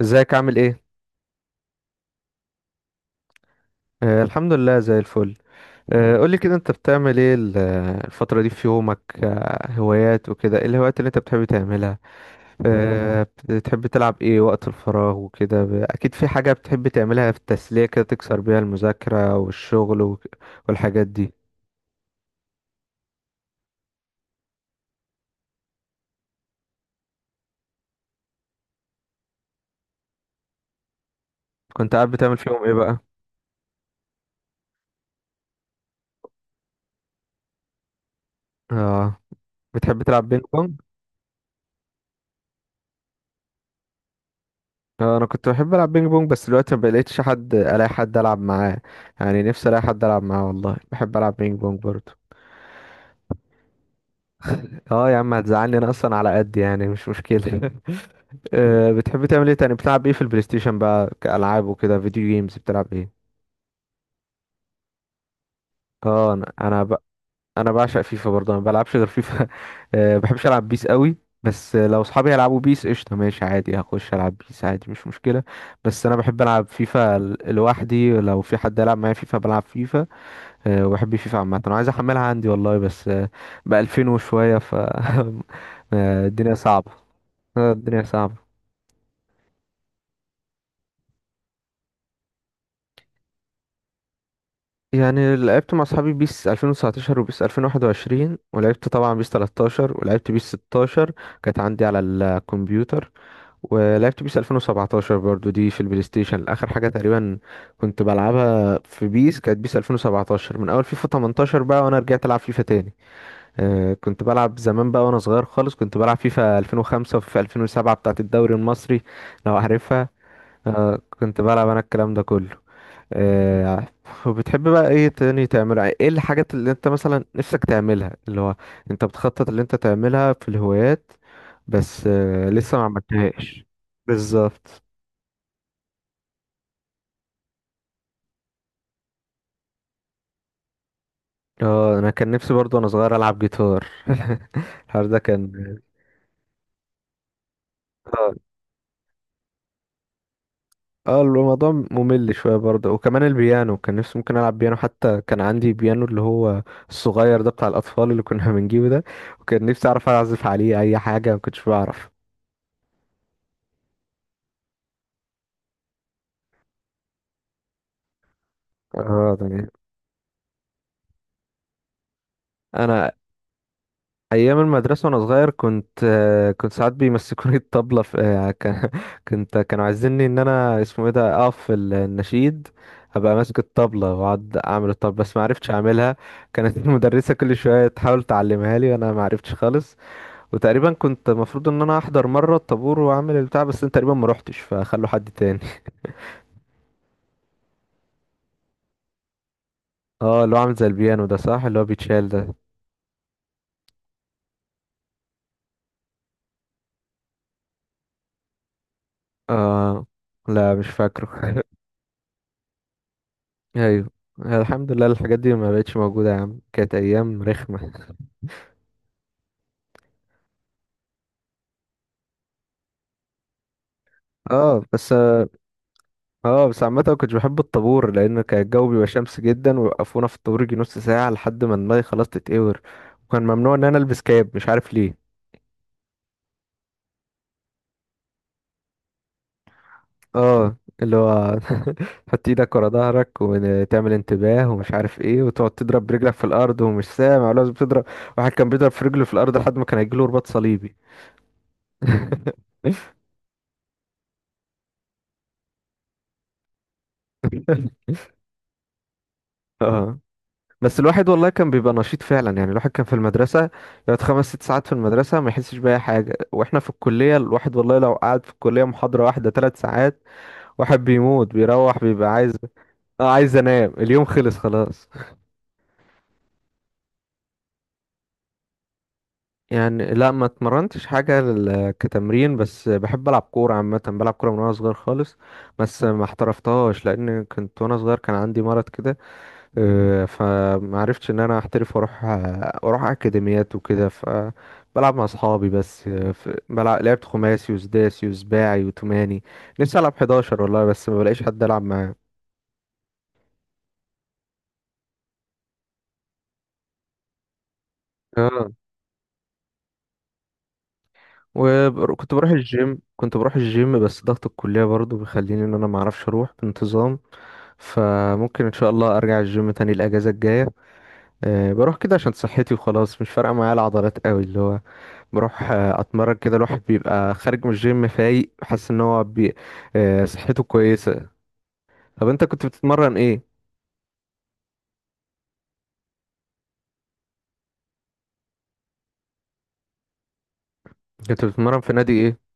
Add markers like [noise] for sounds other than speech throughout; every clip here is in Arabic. ازيك؟ عامل ايه؟ آه الحمد لله زي الفل. آه قولي كده، انت بتعمل ايه الفترة دي في يومك؟ آه هوايات وكده، ايه الهوايات اللي انت بتحب تعملها؟ آه بتحب تلعب ايه وقت الفراغ وكده؟ اكيد في حاجة بتحب تعملها في التسلية كده، تكسر بيها المذاكرة والشغل والحاجات دي. كنت قاعد بتعمل فيهم ايه بقى؟ اه بتحب تلعب بينج بونج؟ آه انا كنت بحب العب بينج بونج، بس دلوقتي ما بقيتش الاقي حد العب معاه يعني. نفسي الاقي حد العب معاه، والله بحب العب بينج بونج برضه. اه يا عم، هتزعلني، انا اصلا على قد يعني، مش مشكلة. [laughs] بتحب تعمل ايه تاني؟ بتلعب ايه في البلاي ستيشن بقى كألعاب وكده، فيديو جيمز بتلعب ايه؟ اه انا انا ب... انا بعشق فيفا برضه، انا ما بلعبش غير فيفا. [laughs] بحبش العب بيس قوي، بس لو اصحابي يلعبوا بيس، قشطة ماشي عادي، هخش العب بيس عادي، مش مشكلة. بس انا بحب العب فيفا لوحدي، لو في حد يلعب معايا فيفا بلعب فيفا. وبحب فيفا عامة، انا عايز احملها عندي والله، بس ب 2000 وشوية [laughs] الدنيا صعبة. الدنيا صعبة. يعني لعبت مع اصحابي بيس 2019 وبيس 2021، ولعبت طبعا بيس 13، ولعبت بيس 16 كانت عندي على الكمبيوتر، ولعبت بيس 2017 برضو دي في البلاي ستيشن. اخر حاجة تقريبا كنت بلعبها في بيس كانت بيس 2017، من اول فيفا 18 بقى وانا رجعت العب فيفا تاني. آه كنت بلعب زمان بقى وانا صغير خالص، كنت بلعب فيفا 2005 وفيفا 2007 بتاعت الدوري المصري، لو عارفها. آه كنت بلعب انا الكلام ده كله. آه، وبتحب بقى ايه تاني تعملها؟ ايه الحاجات اللي انت مثلا نفسك تعملها، اللي هو انت بتخطط اللي انت تعملها في الهوايات، بس آه، لسه ما عملتهاش؟ بالظبط. اه انا كان نفسي برضو وانا صغير العب جيتار. [laughs] الحوار ده كان اه. اه الموضوع ممل شويه برضه. وكمان البيانو كان نفسي ممكن العب بيانو، حتى كان عندي بيانو اللي هو الصغير ده بتاع الاطفال اللي كنا [laughs] بنجيبه ده، وكان نفسي اعرف اعزف عليه اي حاجه، ما كنتش بعرف. اه ده جميل. انا ايام المدرسه وانا صغير كنت آه، كنت ساعات بيمسكوني الطبله في آه، [laughs] كانوا عايزيني ان انا اسمه ايه ده، اقف في النشيد، ابقى ماسك الطبله واقعد اعمل الطبله، بس ما عرفتش اعملها. كانت [laughs] المدرسه كل شويه تحاول تعلمها لي وانا ما عرفتش خالص. وتقريبا كنت المفروض ان انا احضر مره الطابور واعمل البتاع، بس انا تقريبا ما روحتش، فخلوا حد تاني. اه اللي هو عامل زي البيانو ده، صح؟ اللي هو بيتشال ده؟ اه لا مش فاكره. ايوه. الحمد لله الحاجات دي ما بقتش موجودة يا عم، كانت ايام رخمة. اه بس. اه بس عامة ما كنتش بحب الطابور، لان كان الجو بيبقى شمس جدا، ويوقفونا في الطابور يجي نص ساعة لحد ما دماغي خلاص تتقور، وكان ممنوع ان انا البس كاب مش عارف ليه. اه اللي هو [laughs] تحط ايدك ورا ظهرك، وتعمل انتباه ومش عارف ايه، وتقعد تضرب برجلك في الارض، ومش سامع ولازم تضرب. واحد كان بيضرب في رجله في الارض لحد ما كان هيجيله رباط صليبي. [laughs] اه بس الواحد والله كان بيبقى نشيط فعلا. يعني الواحد كان في المدرسة يقعد خمس ست ساعات في المدرسة ما يحسش بأي حاجة، واحنا في الكلية الواحد والله لو قعد في الكلية محاضرة واحدة ثلاث ساعات واحد بيموت، بيروح بيبقى عايز. اه عايز انام، اليوم خلص خلاص يعني. لا ما اتمرنتش حاجة كتمرين، بس بحب ألعب كورة عامة، بلعب كورة من وأنا صغير خالص، بس ما احترفتهاش لأن كنت وأنا صغير كان عندي مرض كده، آه، فمعرفتش ان انا احترف واروح اروح اكاديميات وكده، فبلعب مع اصحابي بس. آه، لعبت خماسي وسداسي وسباعي وتماني. نفسي العب 11 والله، بس ما بلاقيش حد العب معاه. اه وكنت بروح الجيم، كنت بروح الجيم بس ضغط الكلية برضو بيخليني ان انا ما اعرفش اروح بانتظام. فممكن ان شاء الله ارجع الجيم تاني الاجازة الجاية. أه بروح كده عشان صحتي وخلاص، مش فارقة معايا العضلات قوي، اللي هو بروح آه، اتمرن كده، الواحد بيبقى خارج من الجيم فايق، حاسس ان هو آه، صحته كويسه. طب انت كنت بتتمرن ايه؟ كنت بتتمرن في نادي ايه؟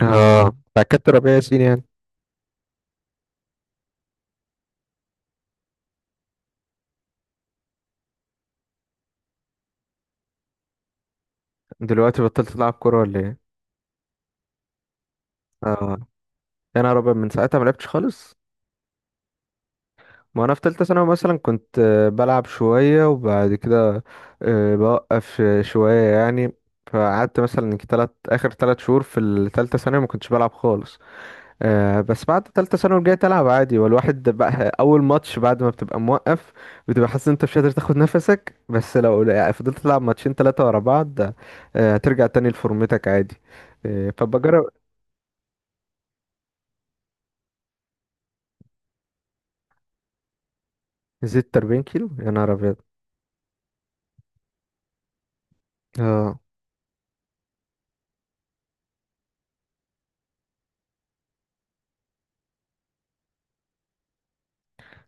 اه بتاع كابتن ربيع ياسين يعني. دلوقتي بطلت تلعب كوره ولا ايه؟ اه انا ربع من ساعتها ما لعبتش خالص. ما انا في تالتة ثانوي مثلا كنت آه، بلعب شويه وبعد كده آه، بوقف آه، شويه يعني. فقعدت مثلا تلات شهور في التالتة ثانوي ما كنتش بلعب خالص. آه، بس بعد تالتة ثانوي رجعت ألعب عادي، والواحد بقى أول ماتش بعد ما بتبقى موقف بتبقى حاسس إن أنت مش قادر تاخد نفسك، بس لو يعني فضلت تلعب ماتشين تلاتة ورا بعض آه، هترجع تاني لفورمتك عادي. آه، فبجرب. زدت 40 كيلو يا نهار أبيض؟ اه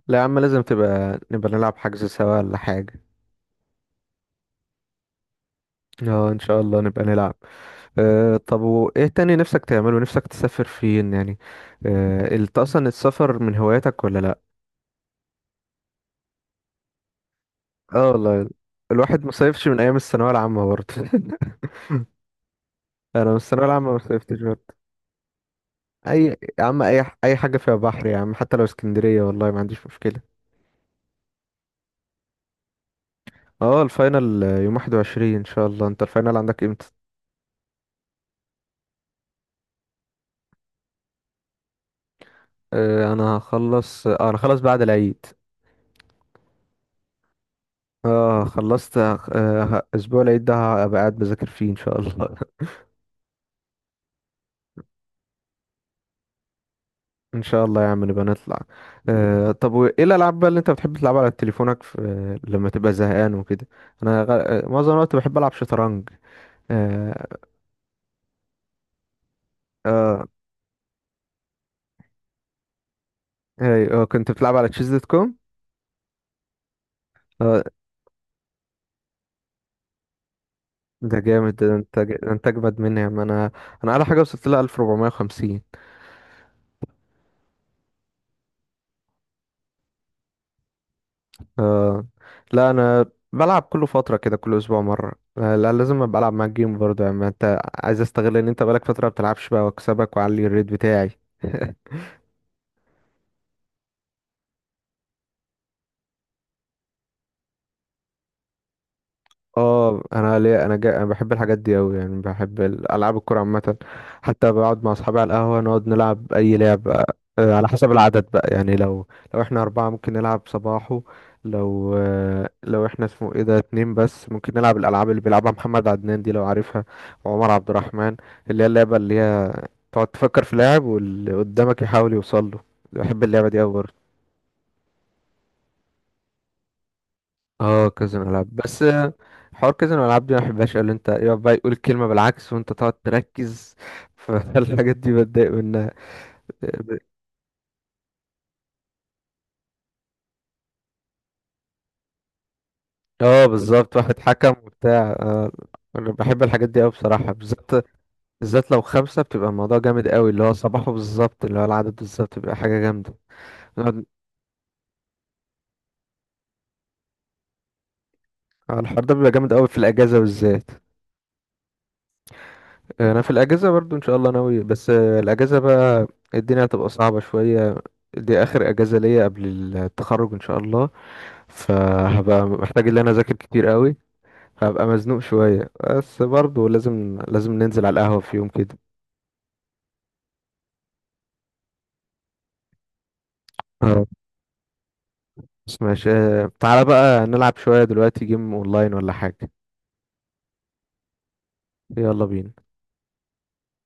لا يا عم، لازم نبقى نلعب حجز سوا ولا حاجة. اه إن شاء الله نبقى نلعب. آه، طب وإيه تاني نفسك تعمله؟ نفسك تسافر فين يعني؟ آه، أنت أصلا السفر من هواياتك ولا لأ؟ اه والله الواحد ما صيفش من ايام الثانويه العامه برضه. [laughs] انا من الثانويه العامه ما صيفتش برضه. اي يا عم، اي اي حاجه فيها بحر يا عم، حتى لو اسكندريه والله ما عنديش مشكله. اه الفاينل يوم 21 ان شاء الله، انت الفاينل عندك امتى؟ آه، انا هخلص آه، انا خلص بعد العيد. اه خلصت آه، اسبوع العيد ده هبقى قاعد بذاكر فيه ان شاء الله. [laughs] ان شاء الله يا عم نبقى نطلع. آه طب وايه الالعاب بقى اللي انت بتحب تلعبها على تليفونك في... لما تبقى زهقان وكده؟ انا غ... آه، معظم الوقت بحب العب شطرنج. اه. اه. اي اه كنت بتلعب على تشيز دوت كوم. اه ده جامد، ده انت ده انت اجمد مني. ما انا انا على حاجه وصلت لها 1450. اه لا انا بلعب كل فتره كده، كل اسبوع مره. آه لا لازم ابقى العب معاك جيم برضه يعني، ما انت عايز استغل ان انت بقالك فتره ما بتلعبش بقى، واكسبك واعلي الريت بتاعي. [laughs] اه انا ليه، انا بحب الحاجات دي قوي يعني، بحب العاب الكوره عامه، حتى بقعد مع اصحابي على القهوه نقعد نلعب اي لعبه. آه، على حسب العدد بقى يعني، لو لو احنا اربعه ممكن نلعب صباحو، لو آه، لو احنا اسمه ايه ده اتنين بس، ممكن نلعب الالعاب اللي بيلعبها محمد عدنان دي لو عارفها، وعمر عبد الرحمن. اللي هي اللعبه اللي هي تقعد تفكر في لاعب واللي قدامك يحاول يوصل له، بحب اللعبه دي قوي. اه كازينو العاب، بس آه، حوار كازينو العاب دي ما بحبهاش، اللي انت يقعد بقى يقول الكلمه بالعكس وانت تقعد تركز. [laughs] فالحاجات دي بتضايق منها. اه بالظبط، واحد حكم وبتاع آه، انا بحب الحاجات دي قوي بصراحه، بالذات بالذات لو خمسه، بتبقى الموضوع جامد قوي، اللي هو صباحه بالظبط، اللي هو العدد بالظبط بيبقى حاجه جامده. نقعد- آه، الحوار ده بيبقى جامد قوي في الاجازه بالذات. آه، انا في الاجازه برضو ان شاء الله ناوي، بس آه، الاجازه بقى الدنيا هتبقى صعبه شويه، دي اخر اجازه ليا قبل التخرج ان شاء الله، فهبقى محتاج ان انا اذاكر كتير قوي، هبقى مزنوق شويه، بس برضه لازم لازم ننزل على القهوه في يوم كده. اه بس ماشي. آه، تعالى بقى نلعب شويه دلوقتي جيم اونلاين ولا حاجه؟ يلا بينا.